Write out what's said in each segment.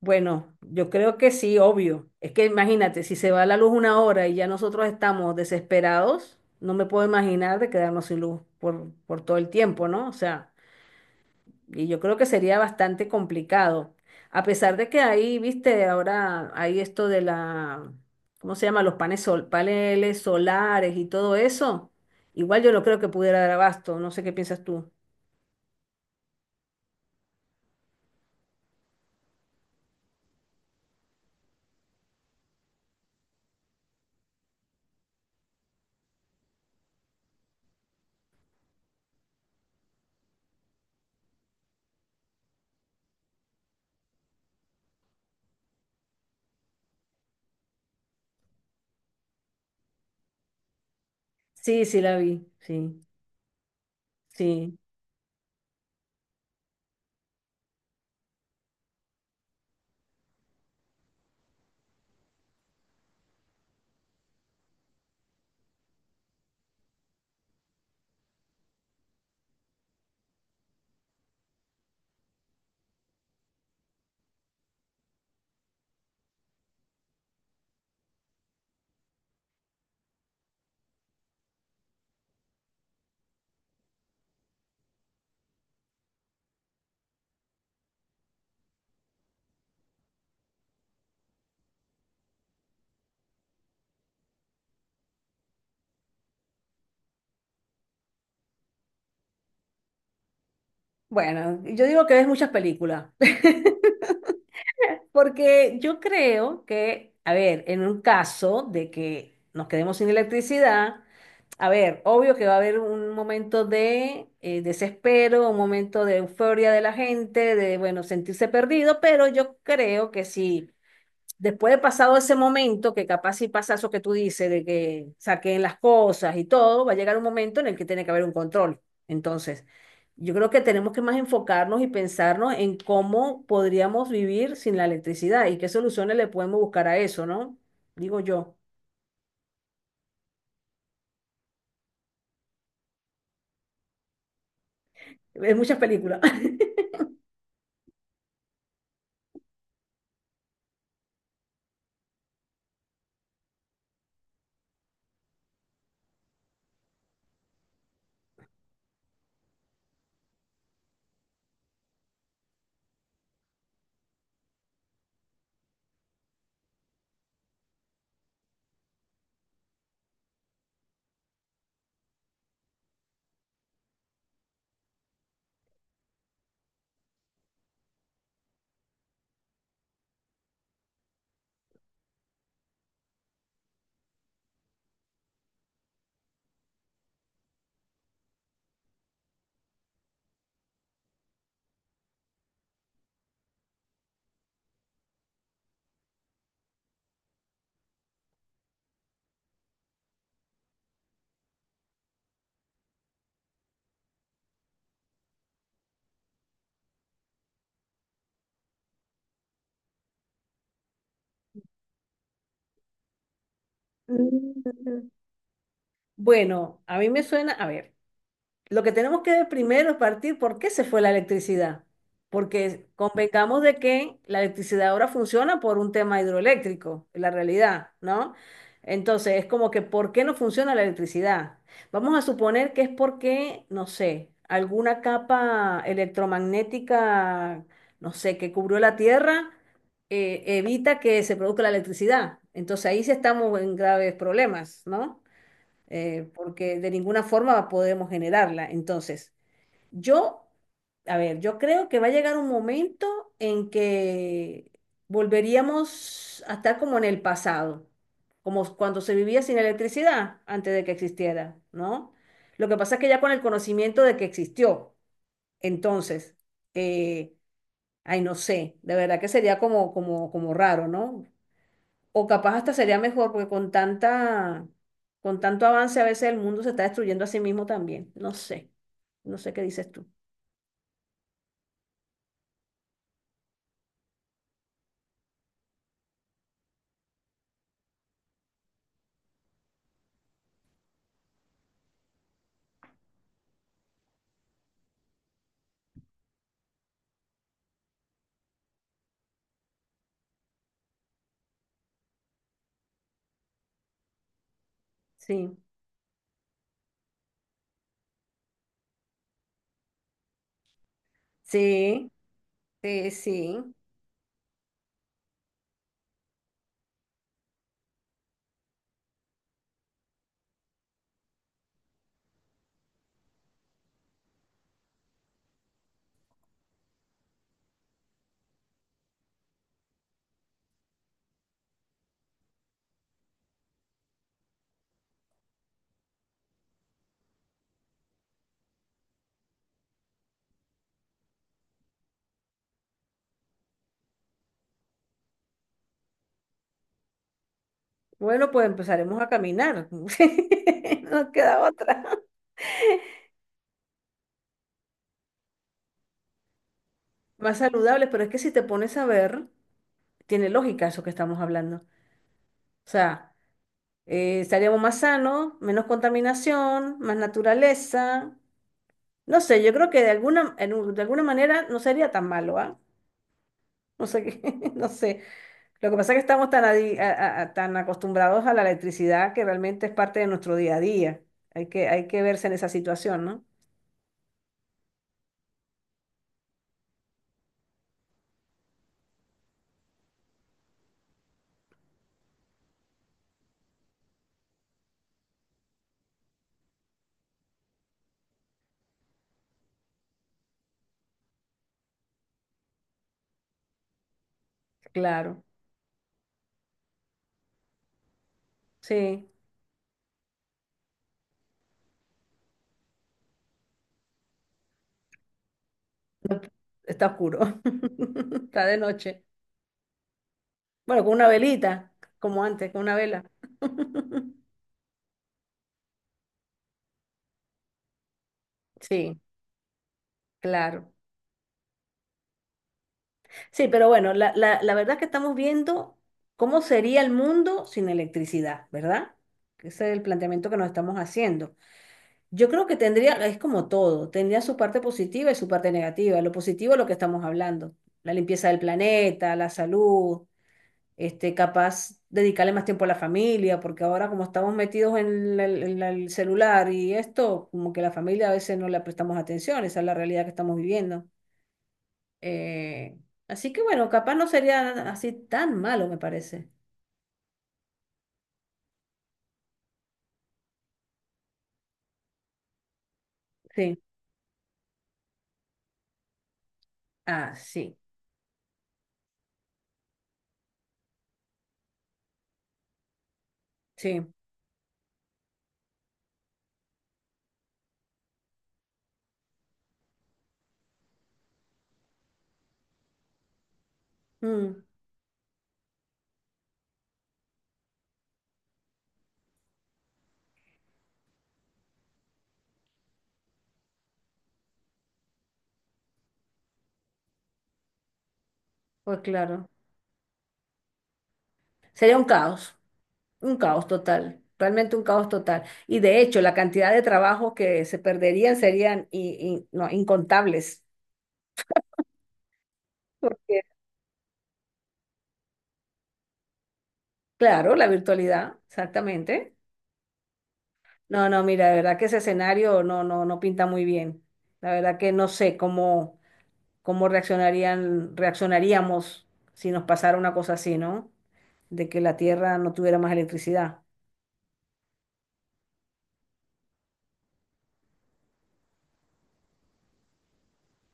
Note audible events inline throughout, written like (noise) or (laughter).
Bueno, yo creo que sí, obvio. Es que imagínate, si se va la luz una hora y ya nosotros estamos desesperados, no me puedo imaginar de quedarnos sin luz por todo el tiempo, ¿no? O sea, y yo creo que sería bastante complicado. A pesar de que ahí, viste, ahora hay esto de la, ¿cómo se llama? Los panes sol, paneles solares y todo eso. Igual yo no creo que pudiera dar abasto, no sé qué piensas tú. Sí, sí la vi, sí, sí. Bueno, yo digo que ves muchas películas. Porque yo creo que, a ver, en un caso de que nos quedemos sin electricidad, a ver, obvio que va a haber un momento de desespero, un momento de euforia de la gente, de, bueno, sentirse perdido, pero yo creo que sí después de pasado ese momento, que capaz si pasa eso que tú dices, de que saquen las cosas y todo, va a llegar un momento en el que tiene que haber un control. Entonces, yo creo que tenemos que más enfocarnos y pensarnos en cómo podríamos vivir sin la electricidad y qué soluciones le podemos buscar a eso, ¿no? Digo yo. Es muchas películas. (laughs) Mm. Bueno, a mí me suena, a ver. Lo que tenemos que ver primero es partir por qué se fue la electricidad. Porque convengamos de que la electricidad ahora funciona por un tema hidroeléctrico, la realidad, ¿no? Entonces, es como que ¿por qué no funciona la electricidad? Vamos a suponer que es porque, no sé, alguna capa electromagnética, no sé, que cubrió la Tierra, evita que se produzca la electricidad. Entonces ahí sí estamos en graves problemas, ¿no? Porque de ninguna forma podemos generarla. Entonces, yo, a ver, yo creo que va a llegar un momento en que volveríamos a estar como en el pasado, como cuando se vivía sin electricidad antes de que existiera, ¿no? Lo que pasa es que ya con el conocimiento de que existió, entonces, eh, ay, no sé, de verdad que sería como raro, ¿no? O capaz hasta sería mejor, porque con tanta, con tanto avance a veces el mundo se está destruyendo a sí mismo también. No sé, no sé qué dices tú. Sí, sí, sí, sí. Bueno, pues empezaremos a caminar. (laughs) No nos queda otra. Más saludables, pero es que si te pones a ver, tiene lógica eso que estamos hablando. O sea, estaríamos más sanos, menos contaminación, más naturaleza. No sé, yo creo que de alguna, de alguna manera no sería tan malo, ¿ah? (laughs) No sé qué, (laughs) no sé. Lo que pasa es que estamos tan, tan acostumbrados a la electricidad que realmente es parte de nuestro día a día. Hay que verse en esa situación, ¿no? Claro, sí, está oscuro. (laughs) Está de noche. Bueno, con una velita, como antes, con una vela. (laughs) Sí, claro. Sí, pero bueno, la verdad es que estamos viendo cómo sería el mundo sin electricidad, ¿verdad? Ese es el planteamiento que nos estamos haciendo. Yo creo que tendría, es como todo, tendría su parte positiva y su parte negativa. Lo positivo es lo que estamos hablando, la limpieza del planeta, la salud, este, capaz dedicarle más tiempo a la familia, porque ahora como estamos metidos en, el celular y esto, como que la familia a veces no le prestamos atención, esa es la realidad que estamos viviendo. Eh, así que bueno, capaz no sería así tan malo, me parece. Sí, ah, sí, sí, mm, pues claro, sería un caos. Un caos total, realmente un caos total. Y de hecho, la cantidad de trabajos que se perderían serían no, incontables. Porque, claro, la virtualidad, exactamente. No, no, mira, de verdad que ese escenario no, no, no pinta muy bien. La verdad que no sé cómo, cómo reaccionaríamos si nos pasara una cosa así, ¿no? De que la Tierra no tuviera más electricidad.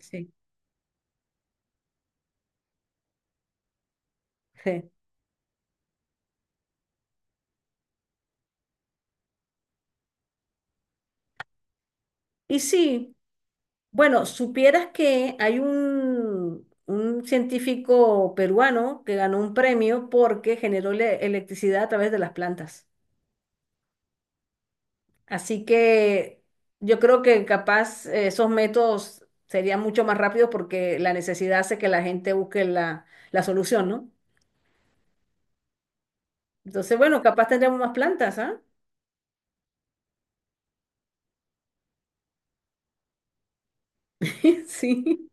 Sí. (laughs) Sí. Y sí. Bueno, supieras que hay un científico peruano que ganó un premio porque generó electricidad a través de las plantas. Así que yo creo que capaz esos métodos serían mucho más rápidos porque la necesidad hace que la gente busque la, la solución, ¿no? Entonces, bueno, capaz tendremos más plantas, ¿ah? (laughs) Sí.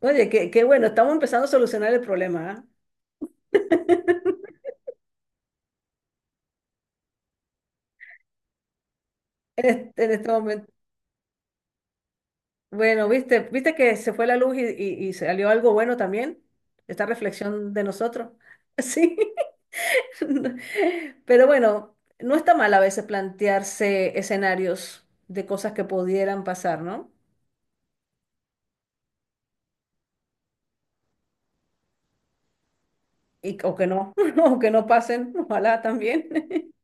Oye, qué, qué bueno, estamos empezando a solucionar el problema, ¿ah? (laughs) En este momento. Bueno, viste, viste que se fue la luz y salió algo bueno también, esta reflexión de nosotros. (laughs) Sí, (laughs) pero bueno, no está mal a veces plantearse escenarios de cosas que pudieran pasar, ¿no? Y, o que no, (laughs) o que no pasen, ojalá también. (laughs)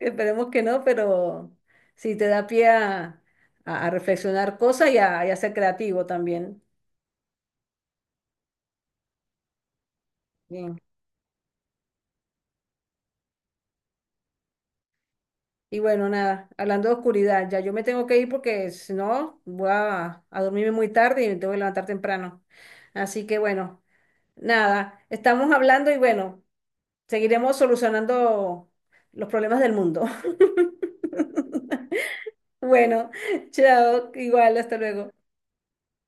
Esperemos que no, pero sí te da pie a, a reflexionar cosas y a ser creativo también. Y bueno, nada, hablando de oscuridad, ya yo me tengo que ir porque si no, voy a dormirme muy tarde y me tengo que levantar temprano. Así que bueno, nada, estamos hablando y bueno, seguiremos solucionando los problemas del mundo. (laughs) Bueno, chao, igual, hasta luego.